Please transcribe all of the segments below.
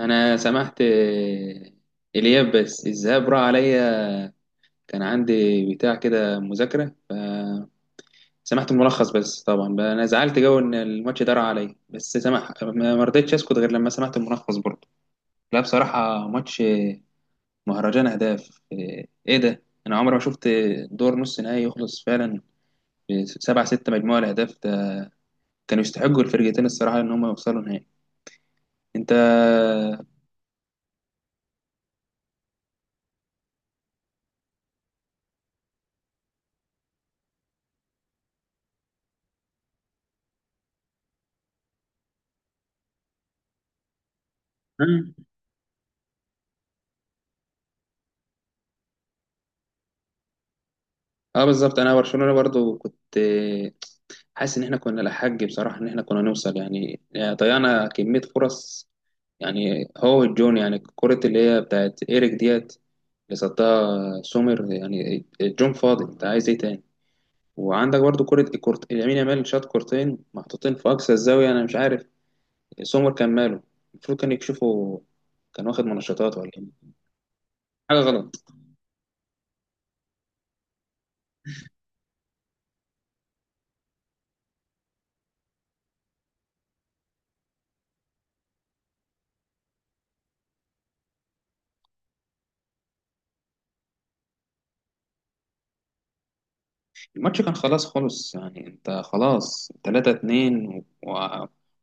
انا سمحت، آه. الياب، بس الذهاب راح عليا. كان عندي بتاع كده مذاكره فسمحت الملخص بس. طبعا بقى انا زعلت جو ان الماتش ده راح عليا، بس سمح. ما رضيتش اسكت غير لما سمعت الملخص برضه. لا بصراحه ماتش مهرجان اهداف، ايه ده! انا عمري ما شفت دور نص نهائي يخلص فعلا 7-6. مجموعة الأهداف ده، كانوا يستحقوا الفرقتين الصراحة إن هم يوصلوا نهائي. أنت... مم. اه بالظبط. انا برشلونه برضو كنت حاسس ان احنا كنا لحق بصراحه، ان احنا كنا نوصل يعني ضيعنا كميه فرص. يعني هو الجون، يعني كرة اللي هي بتاعت ايريك ديت اللي صدها سومر. يعني الجون فاضي، انت عايز ايه تاني؟ وعندك برضو كرة يمين يامال شاط كورتين محطوطين في اقصى الزاويه، انا مش عارف سومر كان ماله. المفروض كان يكشفه. كان واخد منشطات ولا إيه؟ حاجه غلط. الماتش كان خلاص خلص، يعني انت خلاص 3-2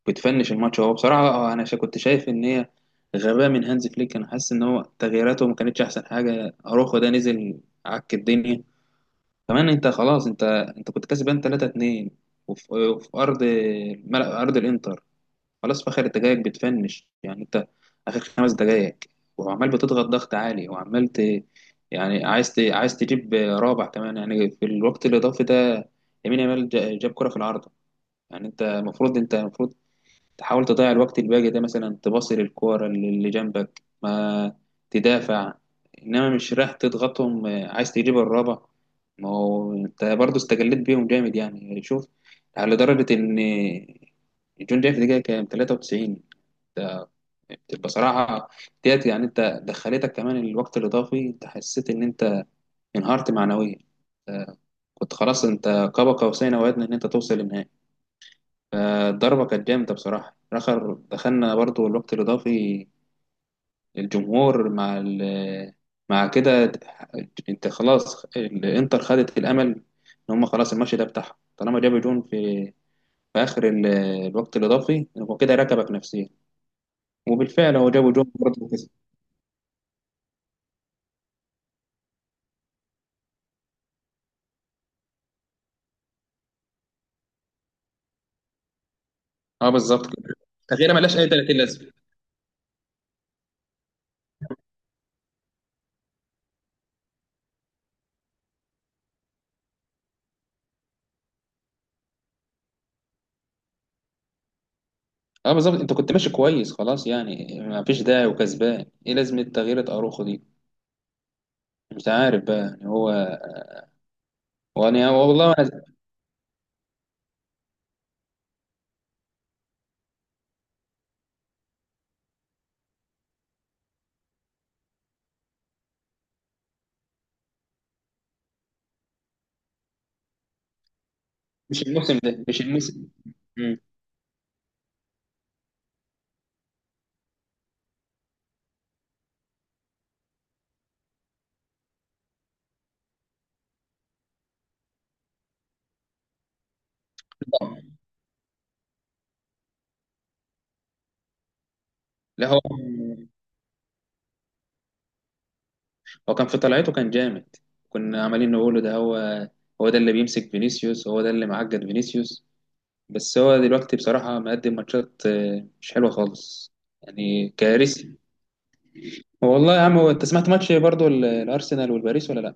وبتفنش الماتش. هو بصراحة انا كنت شايف ان هي غباء من هانز فليك. انا حاسس ان هو تغييراته ما كانتش احسن حاجة. اروخو ده نزل عك الدنيا كمان. انت خلاص، انت كنت كسبان 3-2 وفي ارض ملعب ارض الانتر. خلاص في آخر الدقايق بتفنش، يعني أنت آخر 5 دقايق وعمال بتضغط ضغط عالي، يعني عايز تجيب رابع كمان يعني في الوقت الإضافي ده. يمين يامال جاب كرة في العارضة. يعني أنت المفروض تحاول تضيع الوقت الباقي ده، مثلا تباصي للكورة اللي جنبك، ما تدافع. إنما مش رايح تضغطهم، عايز تجيب الرابع. ما هو أنت برضه استجليت بيهم جامد يعني شوف، على درجة إن جون جاي في دقيقة كام؟ 93! بتبقى صراحة ديت. يعني انت دخلتك كمان الوقت الاضافي، انت حسيت ان انت انهارت معنويا. آه، كنت خلاص انت قاب قوسين او ادنى ان انت توصل للنهائي. فالضربة كانت جامدة بصراحة. اخر دخلنا برضو الوقت الاضافي، الجمهور مع مع كده. انت خلاص الانتر خدت الامل ان هم خلاص الماتش ده بتاعهم طالما جابوا جون في اخر الوقت الاضافي. هو كده ركبك نفسيا. وبالفعل هو جابوا جون برضه وكسب. اه بالظبط كده، تغييره ملهاش اي 30 لازمه. اه بالظبط، انت كنت ماشي كويس خلاص يعني. ما فيش داعي، وكسبان ايه لازمه تغيير اروخو دي؟ مش عارف بقى يعني هو. وانا والله أنا... مش الموسم ده، مش الموسم. مم. لا هو كان في طلعته كان جامد. كنا عمالين نقوله ده هو، هو ده اللي بيمسك فينيسيوس، هو ده اللي معقد فينيسيوس. بس هو دلوقتي بصراحة مقدم ماتشات مش حلوة خالص، يعني كارثي. والله يا عم، هو انت سمعت ماتش برضو الأرسنال والباريس ولا لا؟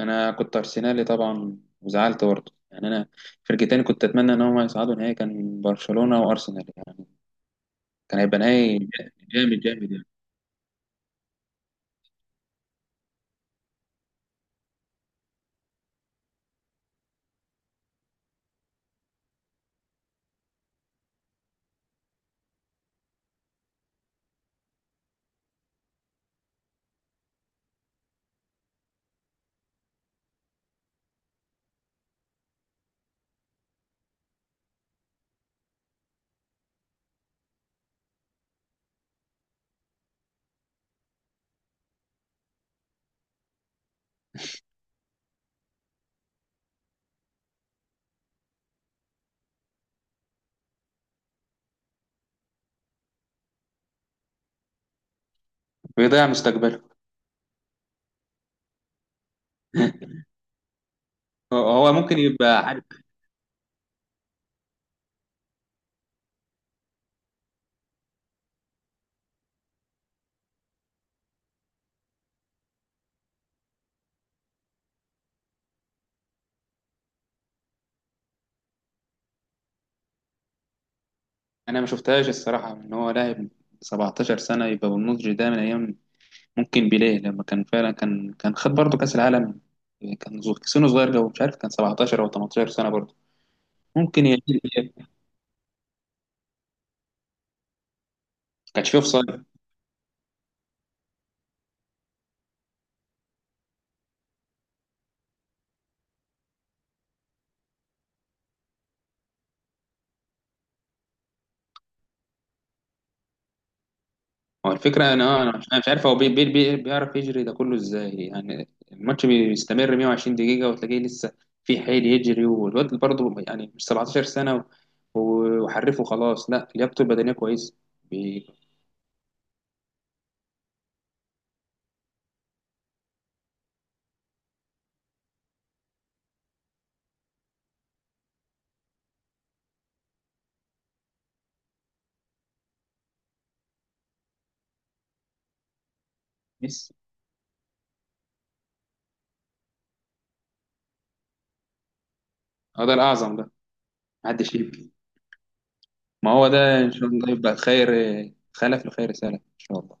انا كنت ارسنالي طبعا، وزعلت برضه يعني انا. فرقتين كنت اتمنى ان هم يصعدوا نهائي، كان برشلونه وارسنال يعني، كان هيبقى نهائي جامد يعني. بيضيع مستقبله. هو ممكن يبقى عارف. انا ما شفتهاش الصراحه، ان هو لاعب 17 سنه يبقى بالنضج ده من ايام ممكن بيليه، لما كان فعلا كان خد برضه كاس العالم. كان سنه صغير قوي، مش عارف كان 17 او 18 سنه برضه. ممكن كانش فيه اوفسايد. هو الفكرة، أنا مش عارف هو بي بي بي بيعرف يجري ده كله إزاي. يعني الماتش بيستمر 120 دقيقة وتلاقيه لسه في حيل يجري. والواد برضه يعني مش 17 سنة، وحرفه خلاص. لا، لياقته البدنية كويسة. بي- ميسي هو ده الأعظم ده. محدش يبكي، ما هو ده إن شاء الله يبقى خير. خلف لخير سلف إن شاء الله.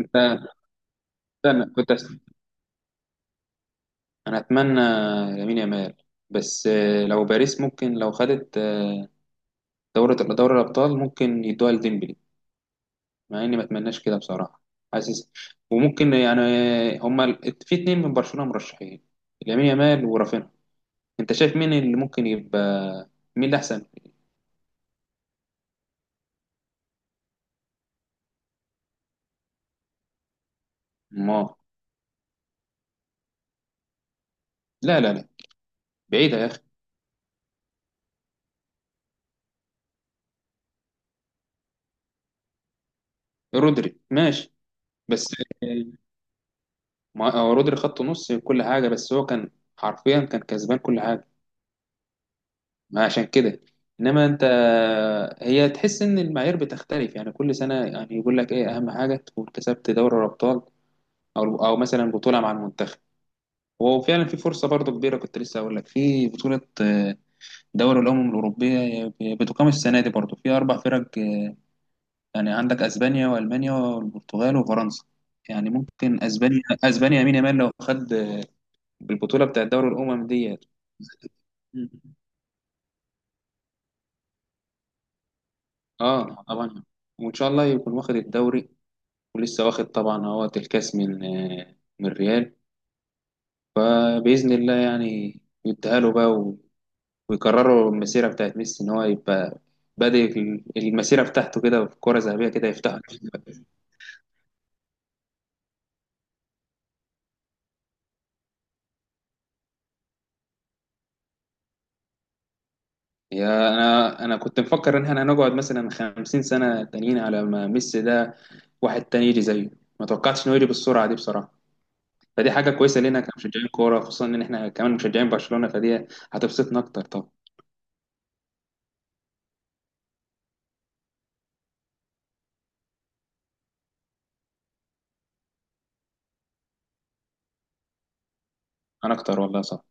أنت استنى كنت أست... أنا أتمنى يمين يامال، بس لو باريس ممكن لو خدت دورة دوري الأبطال، ممكن يدوها لديمبلي، مع اني ما اتمناش كده بصراحه. حاسس. وممكن يعني هما في اتنين من برشلونه مرشحين: لامين يامال ورافينها. انت شايف مين اللي ممكن يبقى مين اللي احسن؟ ما... لا لا لا، بعيده يا اخي. رودري ماشي، بس ما هو رودري خط نص كل حاجه، بس هو كان حرفيا كان كسبان كل حاجه. ما عشان كده، انما انت هي تحس ان المعايير بتختلف يعني كل سنه. يعني يقول لك ايه اهم حاجه تكون كسبت دوري الابطال او مثلا بطوله مع المنتخب. وفعلا في فرصة برضو كبيرة. كنت لسه هقول لك، في بطولة دوري الأمم الأوروبية بتقام السنة دي برضو في أربع فرق. يعني عندك أسبانيا وألمانيا والبرتغال وفرنسا. يعني ممكن أسبانيا، يمين يامال لو خد البطولة بتاعت دوري الأمم ديت، اه طبعا. وان شاء الله يكون واخد الدوري، ولسه واخد طبعا هو الكاس من من ريال. باذن الله يعني يديها له بقى. ويكرروا المسيرة بتاعت ميسي إن هو يبقى بادئ المسيرة بتاعته كده في كرة ذهبية كده يفتحها. يا أنا كنت مفكر إن إحنا هنقعد مثلا 50 سنة تانيين على ما ميسي ده واحد تاني يجي زيه. ما توقعتش إنه يجي بالسرعة دي بصراحة. فدي حاجة كويسة لينا كمشجعين كورة، خصوصا إن إحنا كمان مشجعين برشلونة فدي هتبسطنا أكتر طبعا. أنا أكتر والله صح.